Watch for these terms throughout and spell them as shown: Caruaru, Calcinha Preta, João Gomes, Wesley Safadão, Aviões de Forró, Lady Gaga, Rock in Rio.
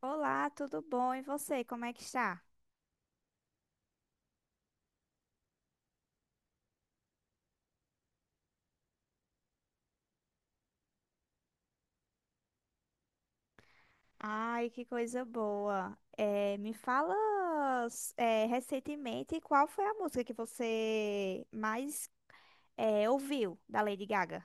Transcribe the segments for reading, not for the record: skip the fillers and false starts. Olá, tudo bom? E você, como é que está? Ai, que coisa boa. Me fala, recentemente qual foi a música que você mais ouviu da Lady Gaga?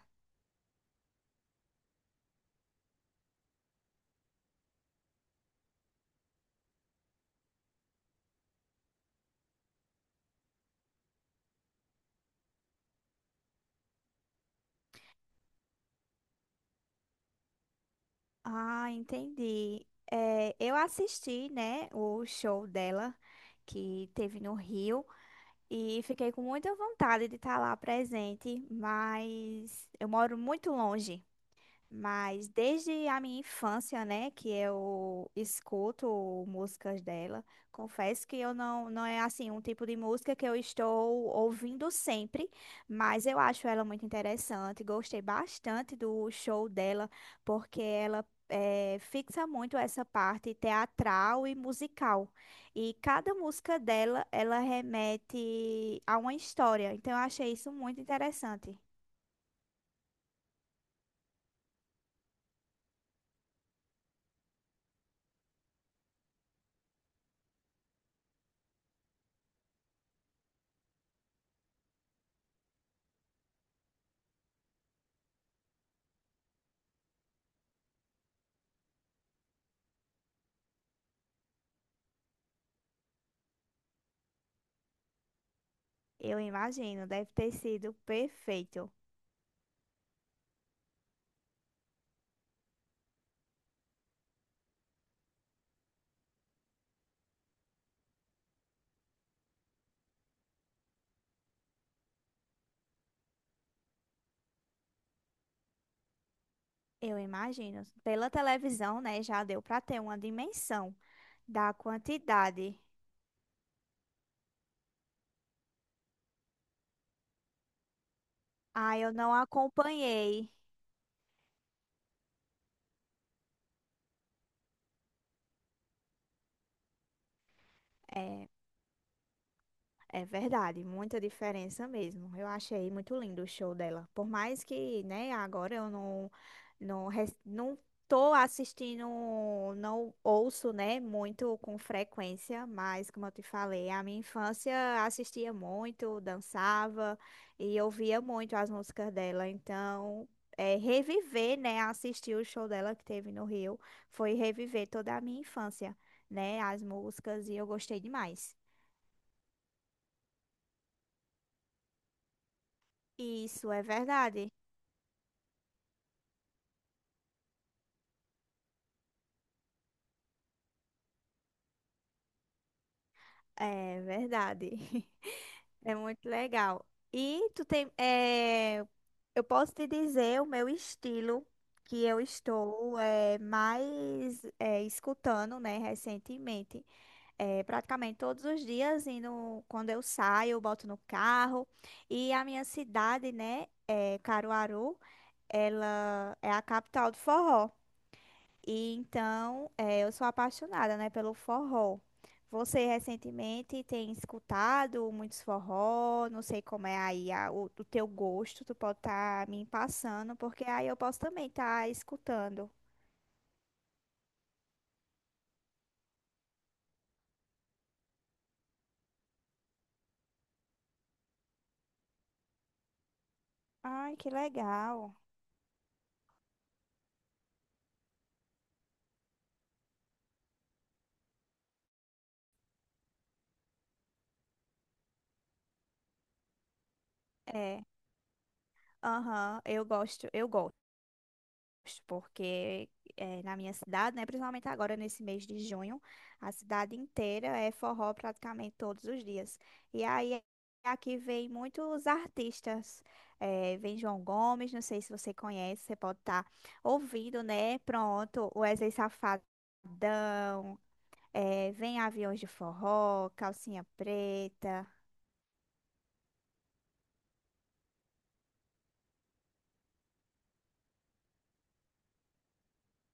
Ah, entendi. É, eu assisti, né, o show dela que teve no Rio e fiquei com muita vontade de estar lá presente, mas eu moro muito longe. Mas desde a minha infância, né, que eu escuto músicas dela, confesso que eu não é assim um tipo de música que eu estou ouvindo sempre, mas eu acho ela muito interessante. Gostei bastante do show dela, porque ela fixa muito essa parte teatral e musical. E cada música dela, ela remete a uma história. Então eu achei isso muito interessante. Eu imagino, deve ter sido perfeito. Eu imagino. Pela televisão, né, já deu para ter uma dimensão da quantidade. Ah, eu não acompanhei. É, é verdade, muita diferença mesmo. Eu achei muito lindo o show dela. Por mais que, né, agora eu não tô assistindo, não ouço, né, muito com frequência, mas como eu te falei, a minha infância assistia muito, dançava e ouvia muito as músicas dela. Então, reviver, né, assistir o show dela que teve no Rio, foi reviver toda a minha infância, né, as músicas e eu gostei demais. Isso é verdade. É verdade. É muito legal. E tu tem, eu posso te dizer o meu estilo que eu estou mais escutando, né, recentemente. É, praticamente todos os dias, indo, quando eu saio, eu boto no carro. E a minha cidade, né, é, Caruaru, ela é a capital do forró. E então, eu sou apaixonada, né, pelo forró. Você recentemente tem escutado muitos forró, não sei como é aí o teu gosto, tu pode estar me passando, porque aí eu posso também estar escutando. Ai, que legal. É, aham, eu gosto. Porque na minha cidade, né, principalmente agora nesse mês de junho, a cidade inteira é forró praticamente todos os dias. E aí aqui vem muitos artistas, vem João Gomes, não sei se você conhece, você pode estar ouvindo, né? Pronto, o Wesley Safadão, vem Aviões de Forró, Calcinha Preta.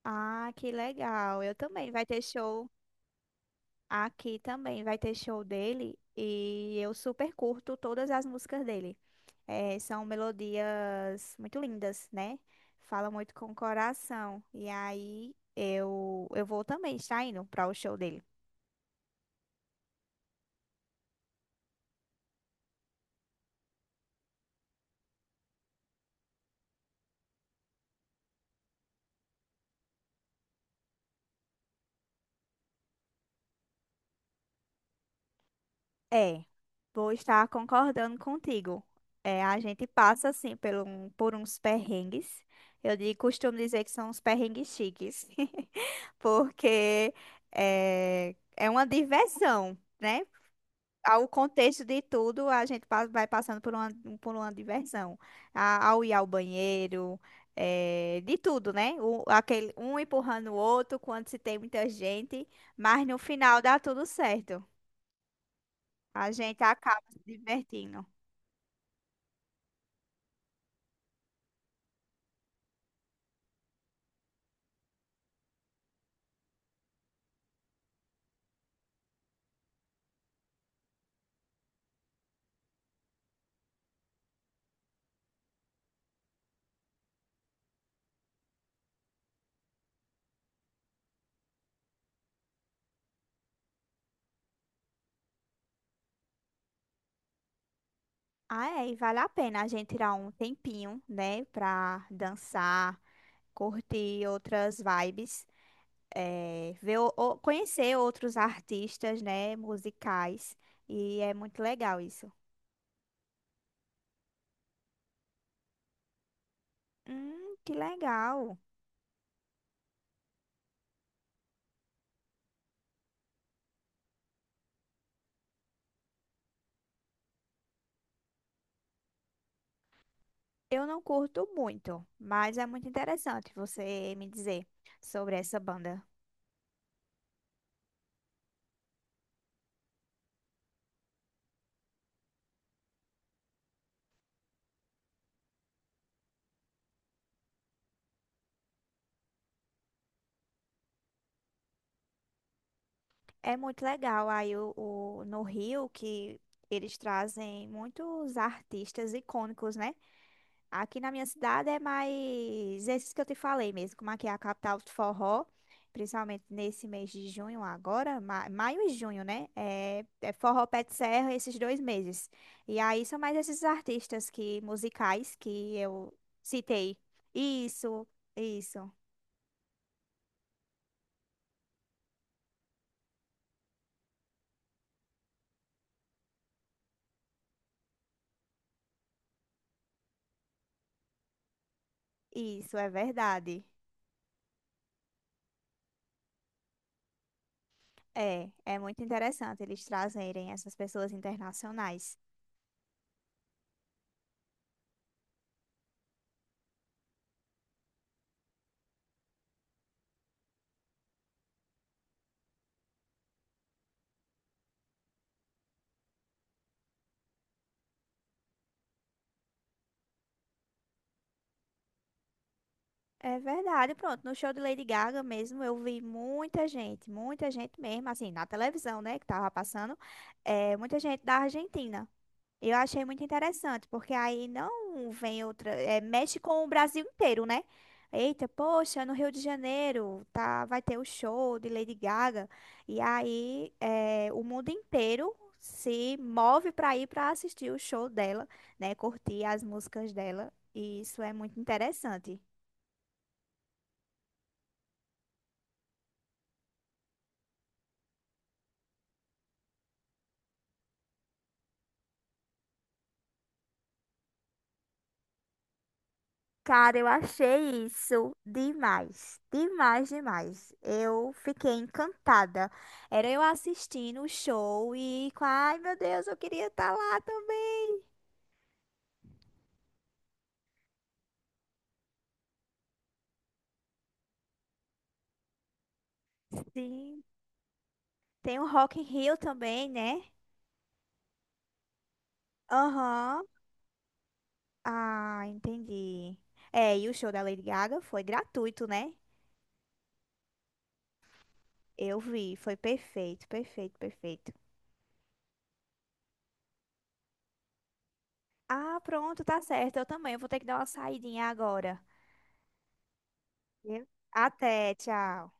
Ah, que legal! Eu também. Vai ter show. Aqui também vai ter show dele e eu super curto todas as músicas dele. Eh, são melodias muito lindas, né? Fala muito com o coração. E aí eu vou também estar indo para o show dele. É, vou estar concordando contigo. É, a gente passa assim por, um, por uns perrengues. Costumo dizer que são uns perrengues chiques, porque é uma diversão, né? Ao contexto de tudo, vai passando por uma diversão. A- ao ir ao banheiro, de tudo, né? O- aquele, um empurrando o outro quando se tem muita gente, mas no final dá tudo certo. A gente acaba se divertindo. Ah, é, e vale a pena a gente tirar um tempinho, né, pra dançar, curtir outras vibes, ver, o- conhecer outros artistas, né, musicais, e é muito legal isso. Que legal. Eu não curto muito, mas é muito interessante você me dizer sobre essa banda. É muito legal. Aí no Rio que eles trazem muitos artistas icônicos, né? Aqui na minha cidade é mais esses que eu te falei mesmo, como aqui é a capital do forró, principalmente nesse mês de junho agora, ma- maio e junho, né? É, é forró pé de serra esses dois meses. E aí são mais esses artistas que musicais que eu citei. Isso, isso, isso é verdade. É, é muito interessante eles trazerem essas pessoas internacionais. É verdade, pronto. No show de Lady Gaga mesmo, eu vi muita gente mesmo, assim, na televisão, né, que tava passando, é, muita gente da Argentina. Eu achei muito interessante, porque aí não vem outra, é, mexe com o Brasil inteiro, né? Eita, poxa, no Rio de Janeiro tá, vai ter o show de Lady Gaga. E aí é, o mundo inteiro se move para ir para assistir o show dela, né? Curtir as músicas dela. E isso é muito interessante. Cara, eu achei isso demais, demais, demais. Eu fiquei encantada. Era eu assistindo o show e, com- ai meu Deus, eu queria estar lá também. Sim, tem o Rock in Rio também, né? Aham. Ah, entendi. É, e o show da Lady Gaga foi gratuito, né? Eu vi, foi perfeito, perfeito, perfeito. Ah, pronto, tá certo. Eu também vou ter que dar uma saidinha agora. Viu? Até, tchau.